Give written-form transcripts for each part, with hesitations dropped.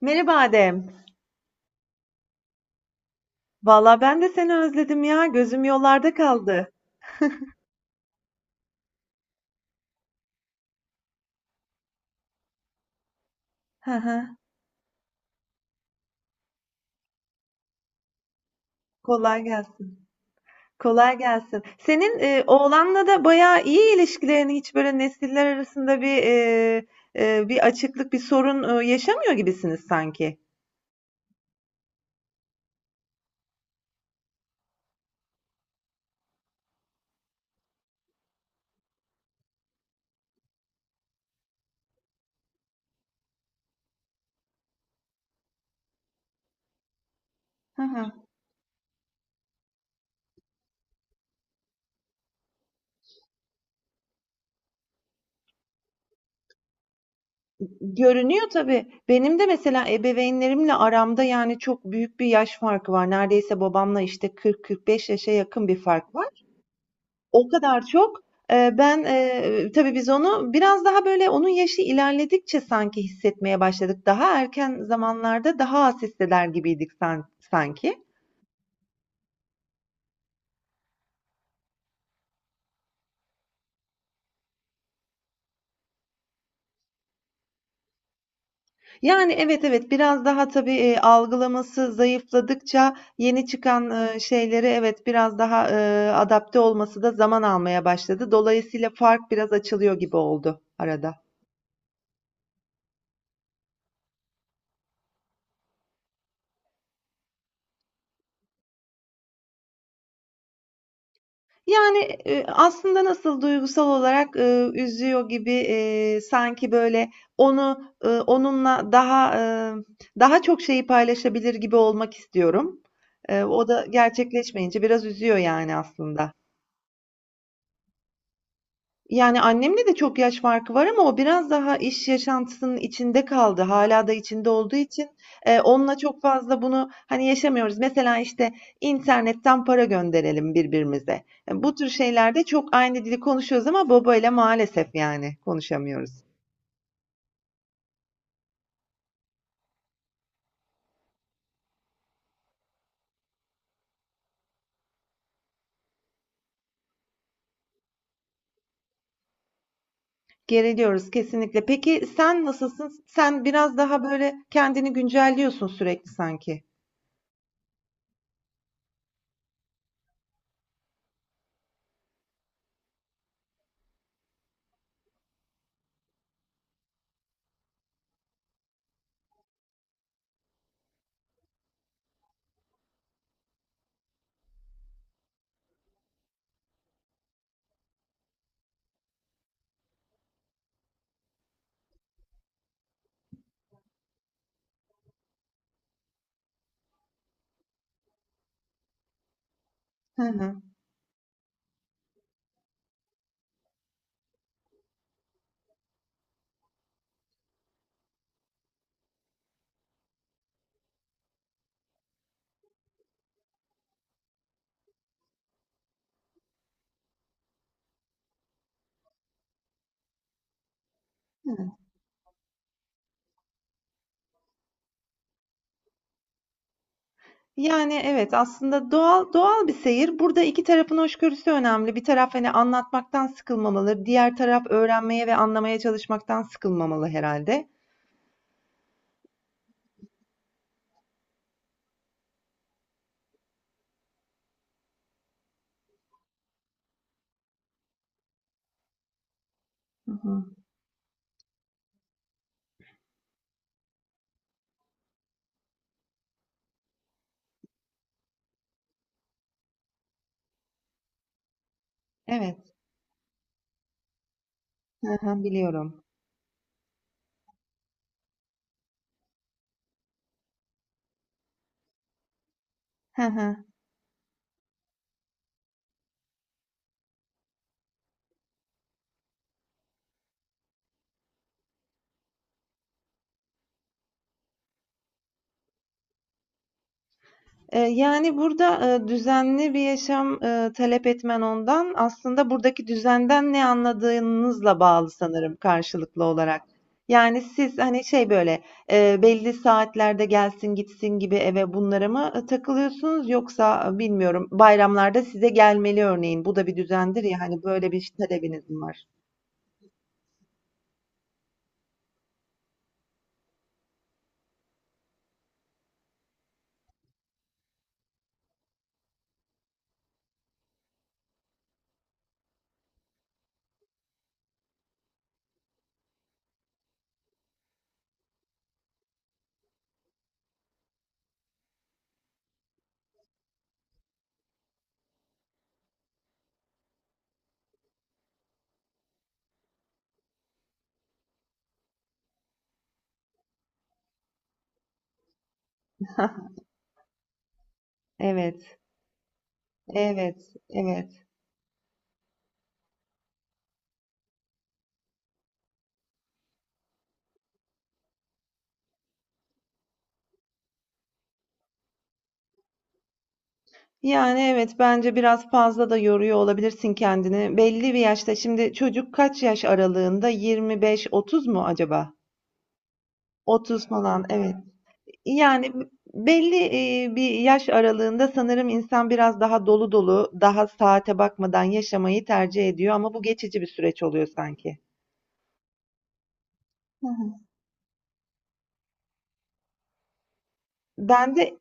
Merhaba Adem. Valla ben de seni özledim ya. Gözüm yollarda kaldı. Hı hı. Kolay gelsin. Kolay gelsin. Senin oğlanla da bayağı iyi ilişkilerin hiç böyle nesiller arasında bir açıklık, bir sorun yaşamıyor gibisiniz sanki. Hı hı. Görünüyor tabii. Benim de mesela ebeveynlerimle aramda yani çok büyük bir yaş farkı var. Neredeyse babamla işte 40-45 yaşa yakın bir fark var. O kadar çok. Ben, tabii biz onu biraz daha böyle onun yaşı ilerledikçe sanki hissetmeye başladık. Daha erken zamanlarda daha az hisseder gibiydik sanki. Yani, evet, evet, biraz daha tabii, algılaması zayıfladıkça yeni çıkan, şeylere evet, biraz daha, adapte olması da zaman almaya başladı. Dolayısıyla fark biraz açılıyor gibi oldu arada. Yani, aslında nasıl duygusal olarak, üzüyor gibi, sanki böyle onunla ımm, daha çok şeyi paylaşabilir gibi olmak istiyorum. O da gerçekleşmeyince biraz üzüyor yani aslında. Yani, annemle de çok yaş farkı var ama o biraz daha iş yaşantısının içinde kaldı. Hala da içinde olduğu için, onunla çok fazla bunu, hani, yaşamıyoruz. Mesela, işte, internetten para gönderelim birbirimize. Bu tür şeylerde çok aynı dili konuşuyoruz ama babayla maalesef, yani, konuşamıyoruz. Geriliyoruz kesinlikle. Peki sen nasılsın? Sen biraz daha, böyle, kendini güncelliyorsun sürekli sanki. Hı hı. Yani, evet, aslında doğal doğal bir seyir. Burada 2 tarafın hoşgörüsü önemli. Bir taraf, hani, anlatmaktan sıkılmamalı, diğer taraf öğrenmeye ve anlamaya çalışmaktan sıkılmamalı herhalde. Hı hı. Evet. Hı hı, biliyorum. Hı hı. Yani, burada, düzenli bir yaşam, talep etmen ondan aslında buradaki düzenden ne anladığınızla bağlı sanırım karşılıklı olarak. Yani, siz, hani, şey, böyle, belli saatlerde gelsin gitsin gibi eve bunlara mı, takılıyorsunuz yoksa, bilmiyorum, bayramlarda size gelmeli örneğin. Bu da bir düzendir ya, hani, böyle bir talebiniz mi var? Evet, evet, evet. Yani evet bence biraz fazla da yoruyor olabilirsin kendini. Belli bir yaşta şimdi çocuk kaç yaş aralığında? 25-30 mu acaba? 30 falan evet. Yani belli bir yaş aralığında sanırım insan biraz daha dolu dolu, daha saate bakmadan yaşamayı tercih ediyor ama bu geçici bir süreç oluyor sanki. Ben de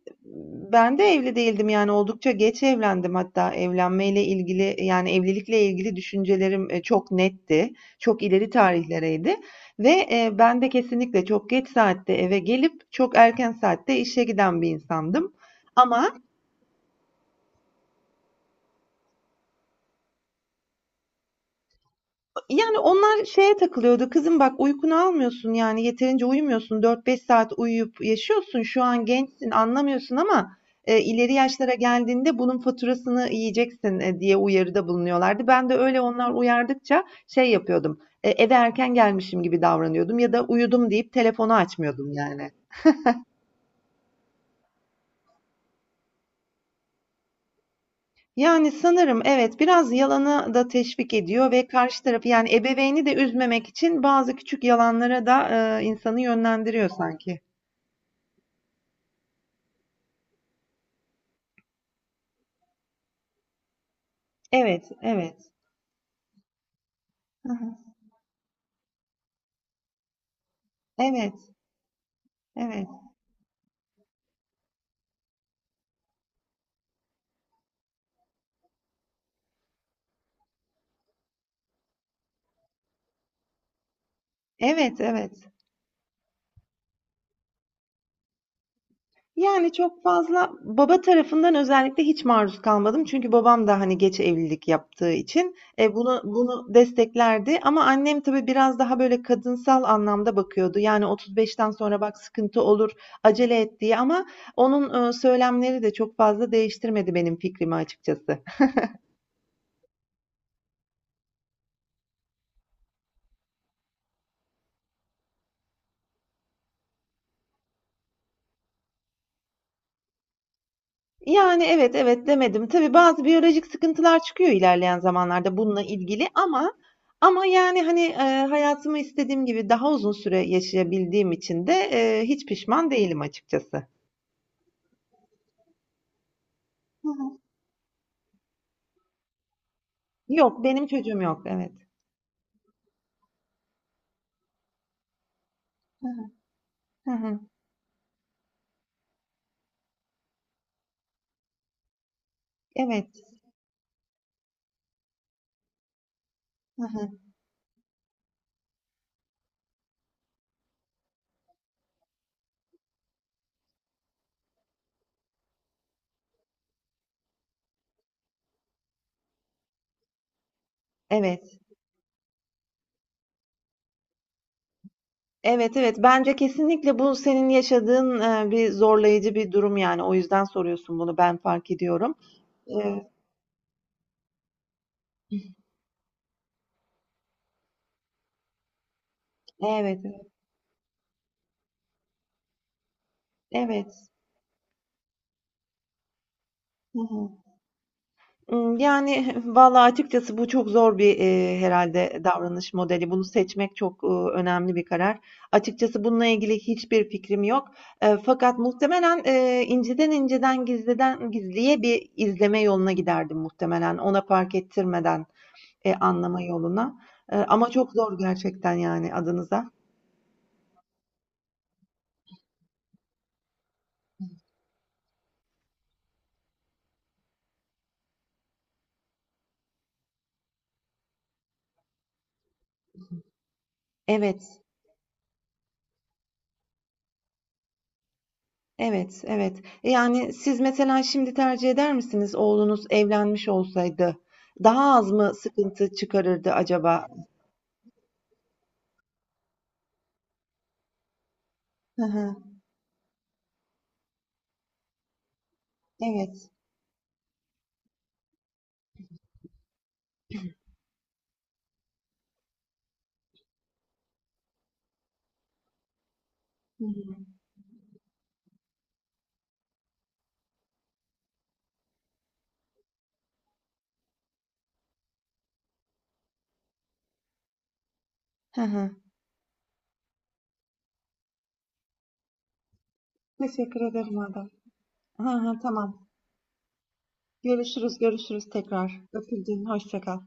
ben de evli değildim yani oldukça geç evlendim hatta evlenmeyle ilgili yani evlilikle ilgili düşüncelerim çok netti. Çok ileri tarihlereydi ve ben de kesinlikle çok geç saatte eve gelip çok erken saatte işe giden bir insandım. Ama Yani onlar şeye takılıyordu. Kızım bak uykunu almıyorsun yani yeterince uyumuyorsun. Dört beş saat uyuyup yaşıyorsun. Şu an gençsin anlamıyorsun ama ileri yaşlara geldiğinde bunun faturasını yiyeceksin diye uyarıda bulunuyorlardı. Ben de öyle onlar uyardıkça şey yapıyordum. Eve erken gelmişim gibi davranıyordum ya da uyudum deyip telefonu açmıyordum yani. Yani sanırım evet biraz yalanı da teşvik ediyor ve karşı tarafı yani ebeveyni de üzmemek için bazı küçük yalanlara da insanı yönlendiriyor sanki. Evet, evet. Hı hı. Evet, evet. Evet, evet. Yani çok fazla baba tarafından özellikle hiç maruz kalmadım. Çünkü babam da hani geç evlilik yaptığı için bunu desteklerdi. Ama annem tabii biraz daha böyle kadınsal anlamda bakıyordu. Yani 35'ten sonra bak sıkıntı olur, acele et diye. Ama onun söylemleri de çok fazla değiştirmedi benim fikrimi açıkçası. Yani, evet, evet demedim. Tabii bazı biyolojik sıkıntılar çıkıyor ilerleyen zamanlarda bununla ilgili ama, yani, hani, hayatımı istediğim gibi daha uzun süre yaşayabildiğim için de, hiç pişman değilim açıkçası. Hı hı. Yok, benim çocuğum yok, evet. Hı hı. Evet. Hı hı. Evet. Evet, evet. Bence kesinlikle bu senin yaşadığın, bir zorlayıcı bir durum, yani. O yüzden soruyorsun bunu, ben fark ediyorum. Eee Evet, evet. Evet. Hı hı. Yani, vallahi açıkçası bu çok zor bir, herhâlde davranış modeli. Bunu seçmek çok, önemli bir karar. Açıkçası bununla ilgili hiçbir fikrim yok. Fakat muhtemelen, inceden inceden gizliden gizliye bir izleme yoluna giderdim muhtemelen, ona fark ettirmeden, anlama yoluna. Ama çok zor gerçekten yani adınıza. Evet. Evet, evet. Yani siz mesela şimdi tercih eder misiniz oğlunuz evlenmiş olsaydı? Daha az mı sıkıntı çıkarırdı acaba? Hı hı, evet. Hı hı. Hı hı. Teşekkür ederim Adem. Hı hı, tamam. Görüşürüz, görüşürüz tekrar. Öpüldün, hoşça kal.